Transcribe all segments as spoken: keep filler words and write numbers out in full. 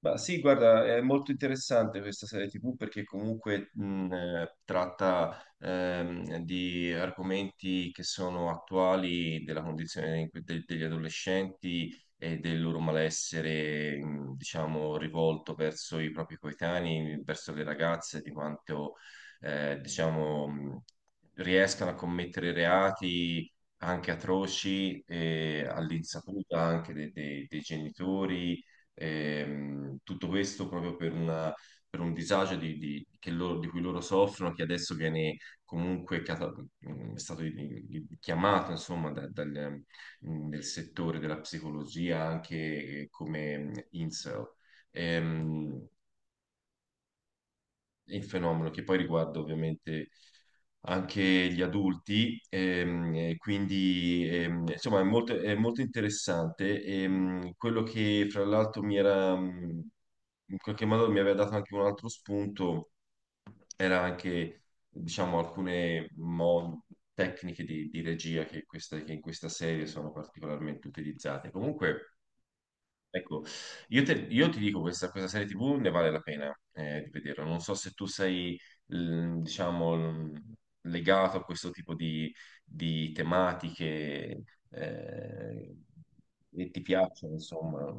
Ma sì, guarda, è molto interessante questa serie T V perché comunque mh, eh, tratta ehm, di argomenti che sono attuali della condizione in cui- de- degli adolescenti e del loro malessere, mh, diciamo, rivolto verso i propri coetanei, verso le ragazze, di quanto, eh, diciamo, mh, riescano a commettere reati anche atroci, eh, all'insaputa anche de- de- dei genitori. Ehm, tutto questo proprio per una- per un disagio di, di- che loro- di cui loro soffrono, che adesso viene comunque cata- mh, è stato di- di- chiamato, insomma, da- dal, mh, del settore della psicologia anche eh, come mh, incel. Ehm, il fenomeno che poi riguarda ovviamente anche gli adulti, ehm, e quindi ehm, insomma è molto, è molto interessante. Ehm, quello che fra l'altro mi era mh, in qualche modo mi aveva dato anche un altro spunto era anche diciamo alcune mo- tecniche di, di regia che, questa- che in questa serie sono particolarmente utilizzate. Comunque. Ecco, io, te- io ti dico, questa, questa serie T V ne vale la pena eh, di vederla. Non so se tu sei, l- diciamo, l- legato a questo tipo di, di tematiche eh, e ti piacciono, insomma.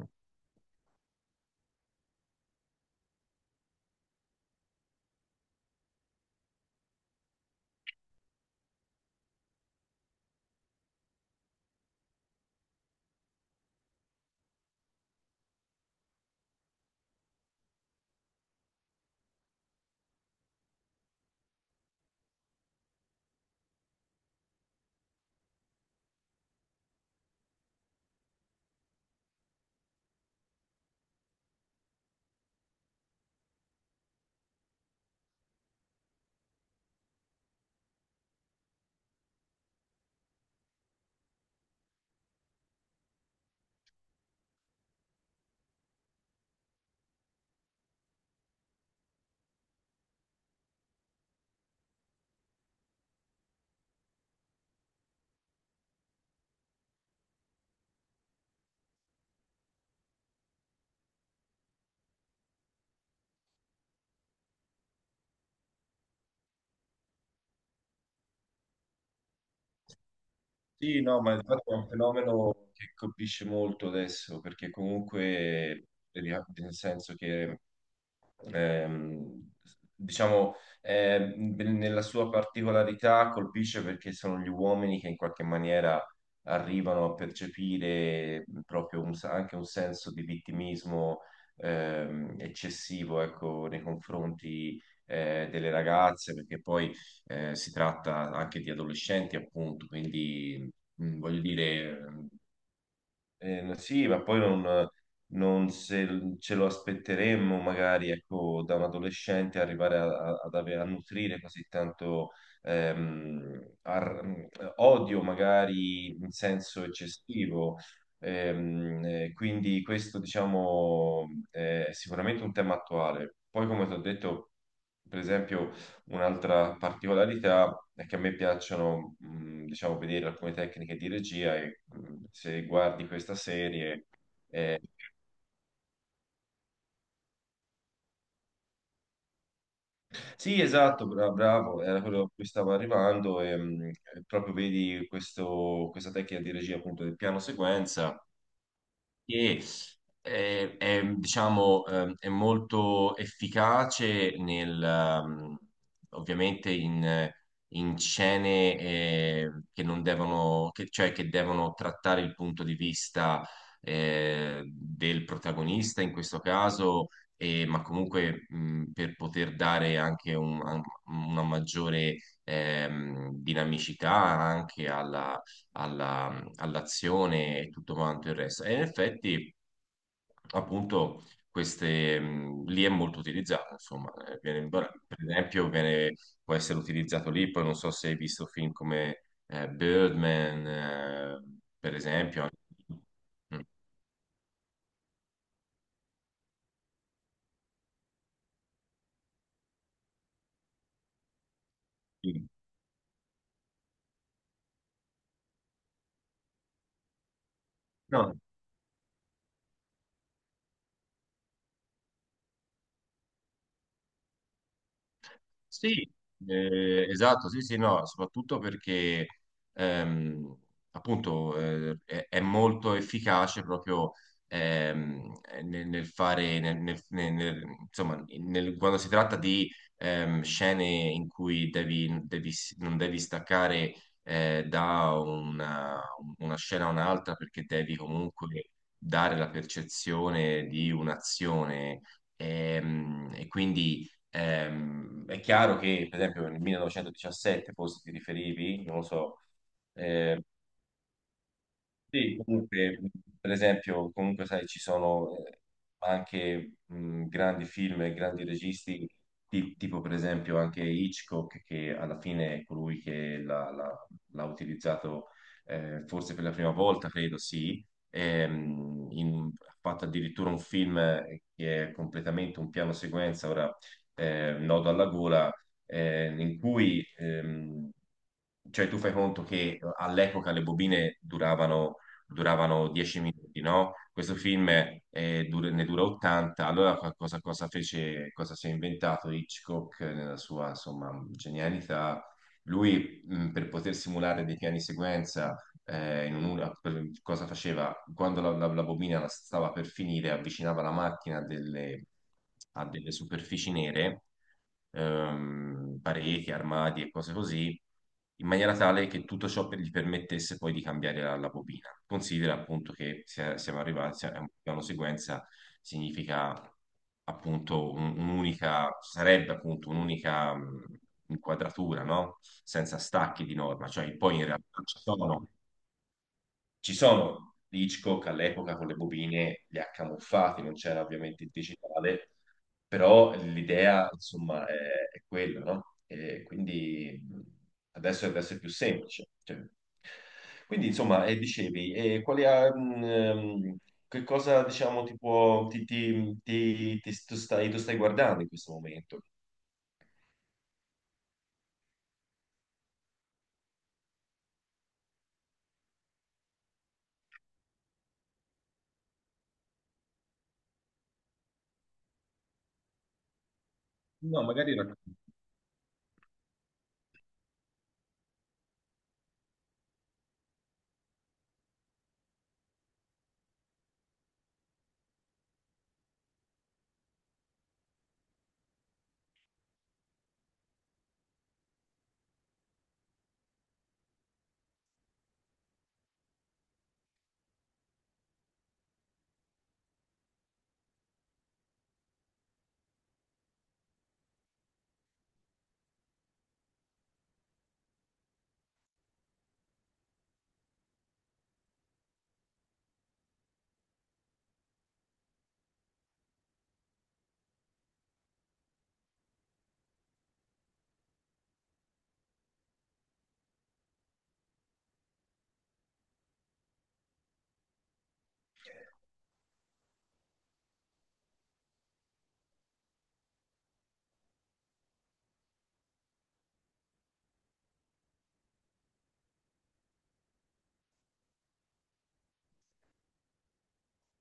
Sì, no, ma infatti è un fenomeno che colpisce molto adesso, perché comunque, eh, nel senso che ehm, diciamo, eh, nella sua particolarità colpisce perché sono gli uomini che in qualche maniera arrivano a percepire proprio un- anche un senso di vittimismo ehm, eccessivo, ecco, nei confronti eh, delle ragazze, perché poi eh, si tratta anche di adolescenti, appunto, quindi mh, voglio dire. Ehm, eh, no, sì, ma poi non, non se ce lo aspetteremmo magari ecco, da un adolescente arrivare a, a- ad ave- a nutrire così tanto ehm, ar- odio, magari in senso eccessivo. Ehm, eh, quindi questo, diciamo, è sicuramente un tema attuale. Poi, come ti ho detto, per esempio. Un'altra particolarità è che a me piacciono, mh, diciamo, vedere alcune tecniche di regia e mh, se guardi questa serie... eh, sì, esatto, bra- bravo, era quello a cui stavo arrivando e mh, proprio vedi questo- questa tecnica di regia appunto del piano sequenza che è, è, diciamo, ehm, è molto efficace nel, ehm, ovviamente in, in scene eh, che non devono, che- cioè che devono trattare il punto di vista eh, del protagonista in questo caso, eh, ma comunque mh, per poter dare anche un- un- una maggiore ehm, dinamicità anche alla- all'azione e tutto quanto il resto. E in effetti, appunto, queste, mh, lì è molto utilizzato, insomma. Eh, viene- per esempio viene- può essere utilizzato lì, poi non so se hai visto film come eh, Birdman, eh, per esempio. Anche- Mm. Sì. No. Sì, eh, esatto, sì, sì, no, soprattutto perché ehm, appunto eh, è, è molto efficace proprio ehm, nel, nel fare, nel- nel- nel- nel- insomma, nel- quando si tratta di ehm, scene in cui devi, devi- non devi staccare eh, da una, una scena a un'altra perché devi comunque dare la percezione di un'azione ehm, e quindi Ehm, è chiaro che, per esempio, nel millenovecentodiciassette forse ti riferivi, non lo so, eh, sì, comunque, mh, per esempio, comunque sai, ci sono eh, anche mh, grandi film e grandi registi, ti- tipo per esempio anche Hitchcock, che alla fine è colui che l'ha l'ha- l'ha utilizzato eh, forse per la prima volta, credo sì. Ehm, in- ha fatto addirittura un film eh, che è completamente un piano sequenza, ora eh, nodo alla gola, eh, in cui... ehm, cioè, tu fai conto che eh, all'epoca le bobine duravano duravano dieci minuti, no? Questo film eh, dura- ne dura ottanta, allora co- cosa, cosa fece, cosa si è inventato Hitchcock eh, nella sua, insomma, genialità? Lui, mh, per poter simulare dei piani sequenza, eh, in un'ora, per- cosa faceva? Quando la, la, la bobina stava per finire, avvicinava la macchina a delle a delle superfici nere ehm, pareti, armadi e cose così, in maniera tale che tutto ciò per- gli permettesse poi di cambiare la, la bobina. Considera appunto che si- siamo arrivati, si- è un piano sequenza significa appunto un- un'unica, sarebbe appunto un'unica mh, inquadratura, no? Senza stacchi di norma, cioè poi in realtà ci sono ci sono Hitchcock all'epoca con le bobine li ha camuffati, non c'era ovviamente il digitale, però l'idea insomma è, è quella, no? E quindi mh, adesso, adesso è più semplice. Cioè. Quindi insomma, e dicevi, e quali ha- mh, ehm, che cosa diciamo ti può, ti, ti, ti, ti- tu stai, tu stai guardando in questo momento? No, magari no.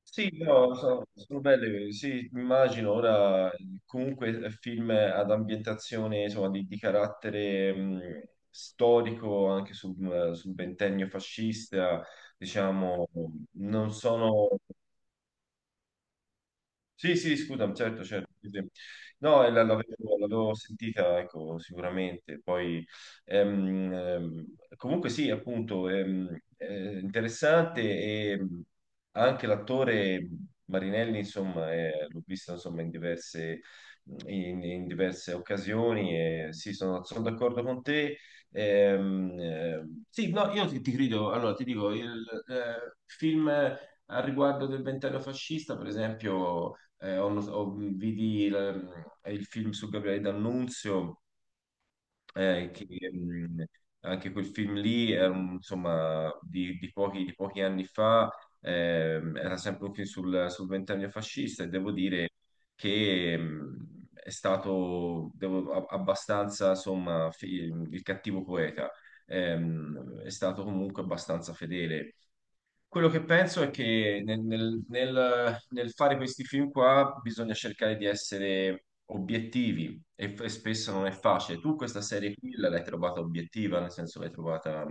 Sì, no, sono, sono belle, sì, immagino ora comunque eh, film ad ambientazione insomma, di, di carattere mh, storico anche sul, sul ventennio fascista, diciamo, non sono sì, sì, scusa, certo, certo. sì, sì. No, eh, la- l'avevo l'avevo sentita, ecco, sicuramente. Poi, ehm, ehm, comunque sì, appunto, ehm, eh, interessante e ehm, anche l'attore Marinelli, insomma, eh, l'ho visto, insomma, in diverse, in, in diverse occasioni e sì, sono, sono d'accordo con te. Ehm, ehm, sì, no, io ti, ti credo, allora, ti dico, il eh, film... Al riguardo del ventennio fascista, per esempio, eh, ho, ho- mm, vidi il, mm, il film su Gabriele D'Annunzio, eh, che mh, anche quel film lì, è un- insomma, di, di pochi, di pochi anni fa, ehm, era sempre un film sul, sul ventennio fascista e devo dire che mh, è stato devo- a- abbastanza, insomma, fi- il cattivo poeta. Ehm, è stato comunque abbastanza fedele. Quello che penso è che nel, nel- nel- nel fare questi film qua bisogna cercare di essere obiettivi e, f- e spesso non è facile. Tu questa serie qui la- l'hai trovata obiettiva, nel senso l'hai trovata...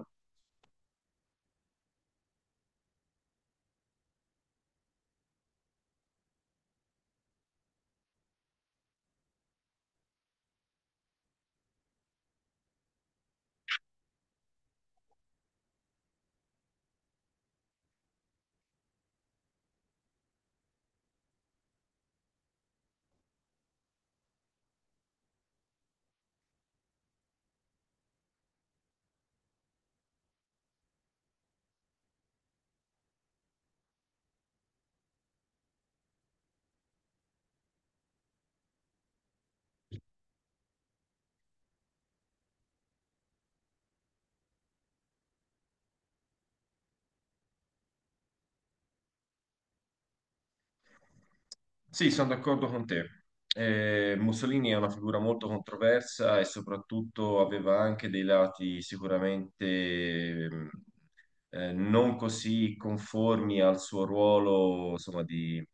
Sì, sono d'accordo con te. Eh, Mussolini è una figura molto controversa e soprattutto aveva anche dei lati sicuramente eh, non così conformi al suo ruolo, insomma, di,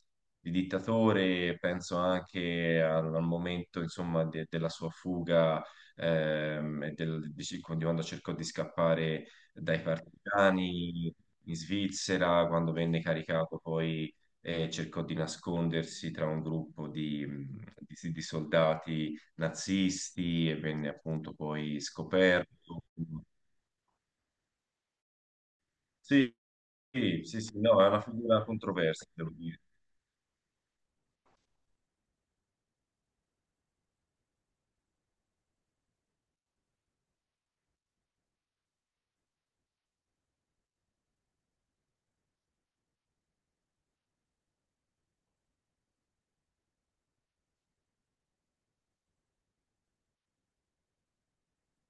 di dittatore, penso anche al, al momento, insomma, de- della sua fuga, ehm, e del- di di quando cercò di scappare dai partigiani in Svizzera, quando venne caricato poi eh, cercò di nascondersi tra un gruppo di, di- di soldati nazisti e venne appunto poi scoperto. Sì, Sì, sì, sì, no, è una figura controversa, devo dire.